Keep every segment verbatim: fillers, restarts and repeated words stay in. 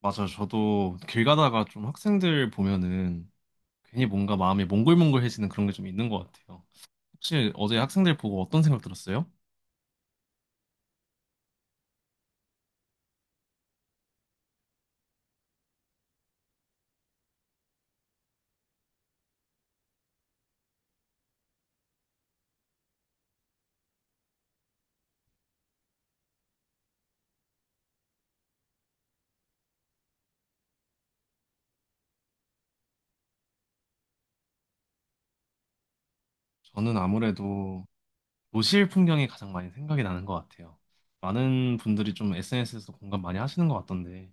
맞아요. 저도 길 가다가 좀 학생들 보면은 괜히 뭔가 마음이 몽글몽글해지는 그런 게 좀 있는 것 같아요. 혹시 어제 학생들 보고 어떤 생각 들었어요? 저는 아무래도 도시 풍경이 가장 많이 생각이 나는 것 같아요. 많은 분들이 좀 에스엔에스에서 공감 많이 하시는 것 같던데,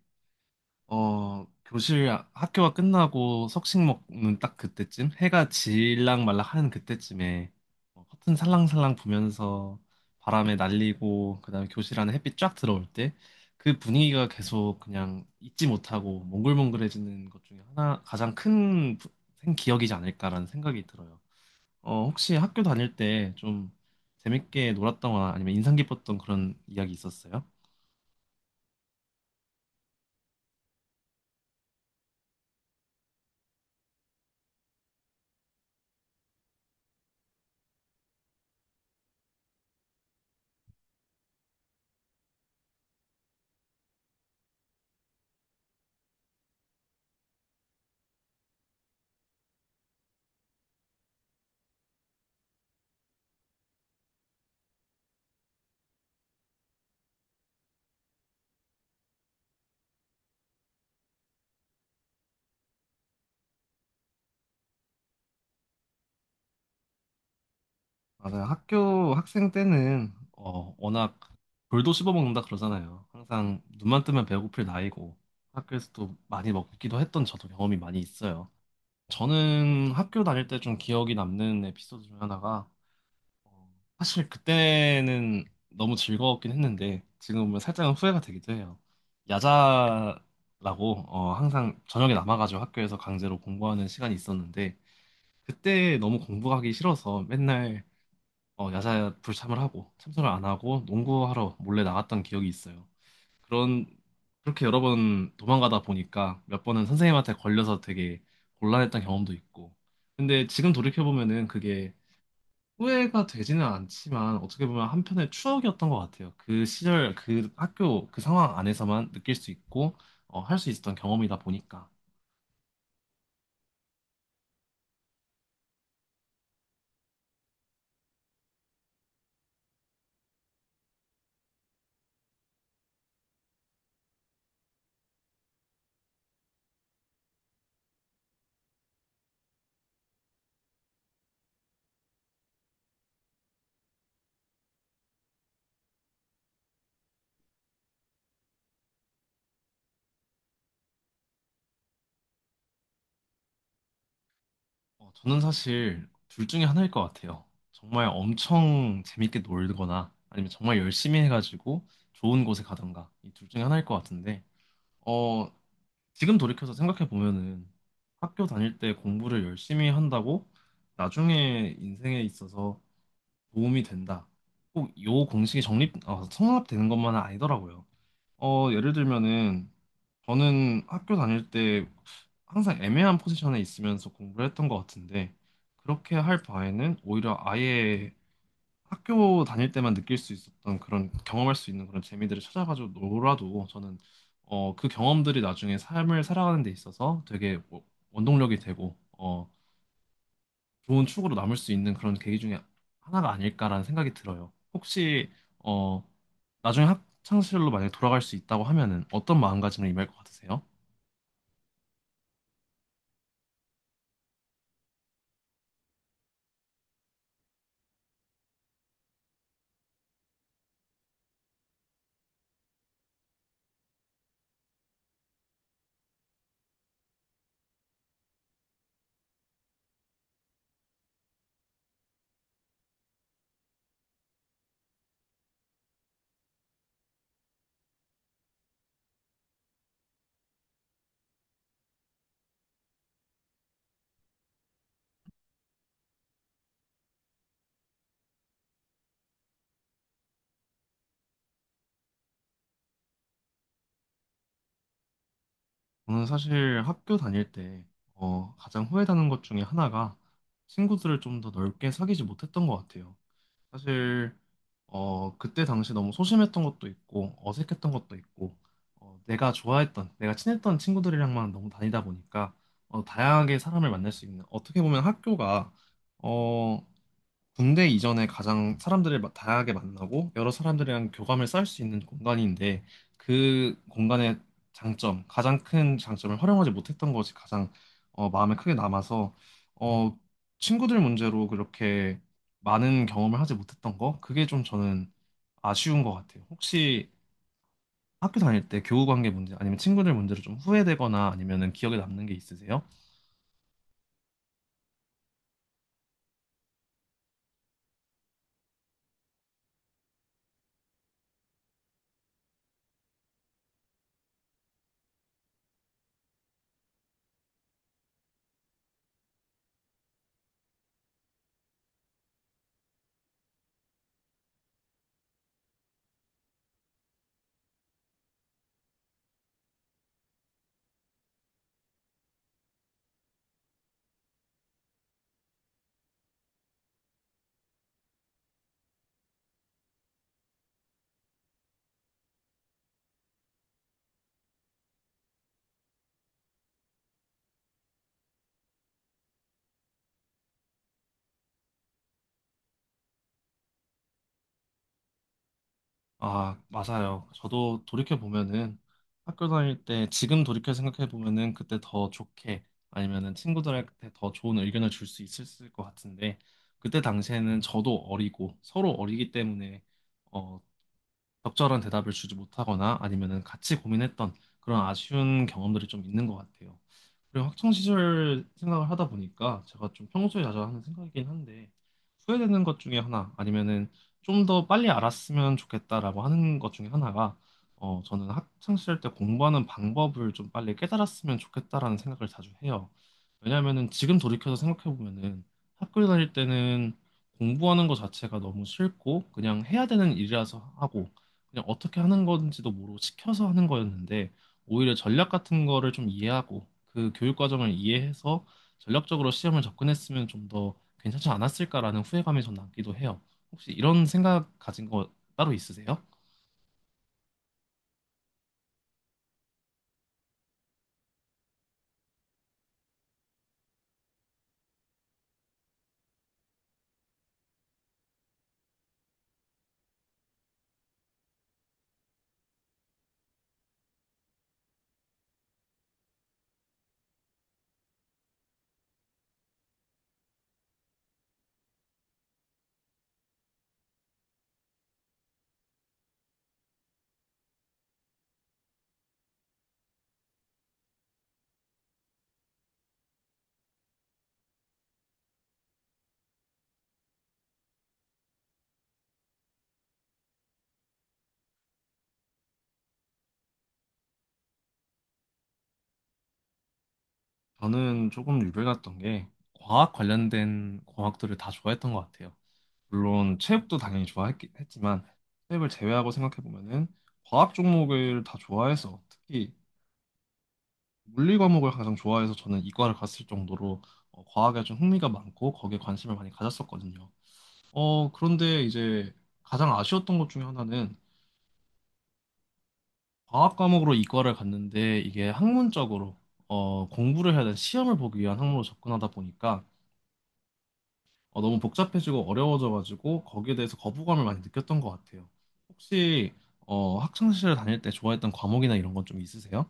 어, 교실 아- 학교가 끝나고 석식 먹는 딱 그때쯤, 해가 질랑 말락 하는 그때쯤에 어, 커튼 살랑살랑 부면서 바람에 날리고, 그다음에 교실 안에 햇빛 쫙 들어올 때, 그 분위기가 계속 그냥 잊지 못하고 몽글몽글해지는 것 중에 하나, 가장 큰 부- 생- 기억이지 않을까라는 생각이 들어요. 어, 혹시 학교 다닐 때 좀 재밌게 놀았던 거나 아니면 인상 깊었던 그런 이야기 있었어요? 맞아요. 학교 학생 때는 어, 워낙 돌도 씹어먹는다 그러잖아요. 항상 눈만 뜨면 배고플 나이고, 학교에서도 많이 먹기도 했던 저도 경험이 많이 있어요. 저는 학교 다닐 때 좀 기억이 남는 에피소드 중 하나가, 어, 사실 그때는 너무 즐거웠긴 했는데 지금 보면 살짝은 후회가 되기도 해요. 야자라고 어, 항상 저녁에 남아가지고 학교에서 강제로 공부하는 시간이 있었는데, 그때 너무 공부하기 싫어서 맨날 어, 야자 불참을 하고 참석을 안 하고 농구하러 몰래 나갔던 기억이 있어요. 그런 그렇게 여러 번 도망가다 보니까 몇 번은 선생님한테 걸려서 되게 곤란했던 경험도 있고. 근데 지금 돌이켜 보면은 그게 후회가 되지는 않지만 어떻게 보면 한편의 추억이었던 것 같아요. 그 시절, 그 학교, 그 상황 안에서만 느낄 수 있고 어, 할수 있었던 경험이다 보니까. 어, 저는 사실 둘 중에 하나일 것 같아요. 정말 엄청 재밌게 놀거나 아니면 정말 열심히 해가지고 좋은 곳에 가던가, 이 둘 중에 하나일 것 같은데, 어, 지금 돌이켜서 생각해 보면은, 학교 다닐 때 공부를 열심히 한다고 나중에 인생에 있어서 도움이 된다, 꼭 요 공식이 정립 어, 성립되는 것만은 아니더라고요. 어, 예를 들면은, 저는 학교 다닐 때 항상 애매한 포지션에 있으면서 공부를 했던 것 같은데, 그렇게 할 바에는 오히려 아예 학교 다닐 때만 느낄 수 있었던 그런 경험할 수 있는 그런 재미들을 찾아가지고 놀아도, 저는 어, 그 경험들이 나중에 삶을 살아가는 데 있어서 되게 뭐 원동력이 되고, 어, 좋은 추억으로 남을 수 있는 그런 계기 중에 하나가 아닐까라는 생각이 들어요. 혹시 어 나중에 학창 시절로 만약에 돌아갈 수 있다고 하면은 어떤 마음가짐을 임할 것 같으세요? 저는 사실 학교 다닐 때 어, 가장 후회되는 것 중에 하나가 친구들을 좀 더 넓게 사귀지 못했던 것 같아요. 사실 어, 그때 당시 너무 소심했던 것도 있고 어색했던 것도 있고, 어, 내가 좋아했던 내가 친했던 친구들이랑만 너무 다니다 보니까, 어, 다양하게 사람을 만날 수 있는, 어떻게 보면 학교가 어, 군대 이전에 가장 사람들을 마- 다양하게 만나고 여러 사람들이랑 교감을 쌓을 수 있는 공간인데, 그 공간의 장점, 가장 큰 장점을 활용하지 못했던 것이 가장 어, 마음에 크게 남아서, 어, 친구들 문제로 그렇게 많은 경험을 하지 못했던 거, 그게 좀 저는 아쉬운 것 같아요. 혹시 학교 다닐 때 교우 관계 문제 아니면 친구들 문제로 좀 후회되거나 아니면은 기억에 남는 게 있으세요? 아, 맞아요. 저도 돌이켜보면은 학교 다닐 때, 지금 돌이켜 생각해보면은 그때 더 좋게 아니면은 친구들한테 더 좋은 의견을 줄 수 있었을 것 같은데, 그때 당시에는 저도 어리고 서로 어리기 때문에 어, 적절한 대답을 주지 못하거나 아니면은 같이 고민했던, 그런 아쉬운 경험들이 좀 있는 것 같아요. 그리고 학창 시절 생각을 하다 보니까 제가 좀 평소에 자주 하는 생각이긴 한데, 후회되는 것 중에 하나, 아니면은 좀 더 빨리 알았으면 좋겠다라고 하는 것 중에 하나가, 어 저는 학창 시절 때 공부하는 방법을 좀 빨리 깨달았으면 좋겠다라는 생각을 자주 해요. 왜냐면은 지금 돌이켜서 생각해 보면은, 학교 다닐 때는 공부하는 것 자체가 너무 싫고 그냥 해야 되는 일이라서 하고, 그냥 어떻게 하는 건지도 모르고 시켜서 하는 거였는데, 오히려 전략 같은 거를 좀 이해하고 그 교육 과정을 이해해서 전략적으로 시험을 접근했으면 좀 더 괜찮지 않았을까라는 후회감이 좀 남기도 해요. 혹시 이런 생각 가진 거 따로 있으세요? 저는 조금 유별났던 게 과학 관련된 과학들을 다 좋아했던 것 같아요. 물론 체육도 당연히 좋아했지만, 체육을 제외하고 생각해 보면은 과학 종목을 다 좋아해서, 특히 물리 과목을 가장 좋아해서 저는 이과를 갔을 정도로 어, 과학에 좀 흥미가 많고 거기에 관심을 많이 가졌었거든요. 어, 그런데 이제 가장 아쉬웠던 것 중에 하나는, 과학 과목으로 이과를 갔는데 이게 학문적으로, 어, 공부를 해야 되는 시험을 보기 위한 학문으로 접근하다 보니까, 어, 너무 복잡해지고 어려워져가지고 거기에 대해서 거부감을 많이 느꼈던 것 같아요. 혹시 어, 학창시절 다닐 때 좋아했던 과목이나 이런 건 좀 있으세요?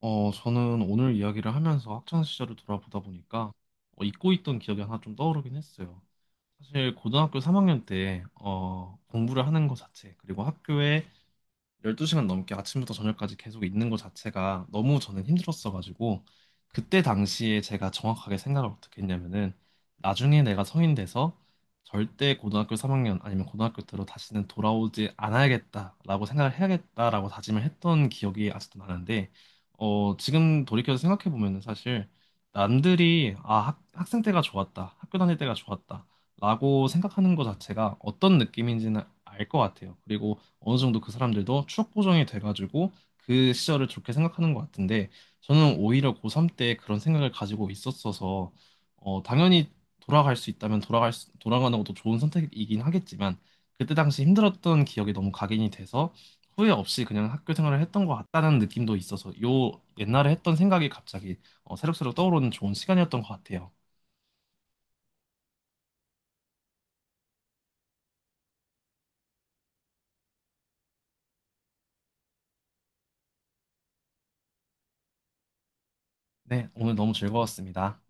어, 저는 오늘 이야기를 하면서 학창시절을 돌아보다 보니까 어, 잊고 있던 기억이 하나 좀 떠오르긴 했어요. 사실 고등학교 삼 학년 때, 어, 공부를 하는 것 자체, 그리고 학교에 열두 시간 넘게 아침부터 저녁까지 계속 있는 것 자체가 너무 저는 힘들었어가지고, 그때 당시에 제가 정확하게 생각을 어떻게 했냐면은, 나중에 내가 성인 돼서 절대 고등학교 삼 학년 아니면 고등학교 때로 다시는 돌아오지 않아야겠다라고 생각을 해야겠다라고 다짐을 했던 기억이 아직도 나는데, 어 지금 돌이켜서 생각해 보면은, 사실 남들이 아 학, 학생 때가 좋았다, 학교 다닐 때가 좋았다 라고 생각하는 것 자체가 어떤 느낌인지는 알 것 같아요. 그리고 어느 정도 그 사람들도 추억 보정이 돼가지고 그 시절을 좋게 생각하는 것 같은데, 저는 오히려 고삼 때 그런 생각을 가지고 있었어서, 어, 당연히 돌아갈 수 있다면 돌아갈 수- 돌아가는 것도 좋은 선택이긴 하겠지만, 그때 당시 힘들었던 기억이 너무 각인이 돼서 후회 없이 그냥 학교 생활을 했던 것 같다는 느낌도 있어서, 요 옛날에 했던 생각이 갑자기 어, 새록새록 떠오르는 좋은 시간이었던 것 같아요. 네, 오늘 너무 즐거웠습니다.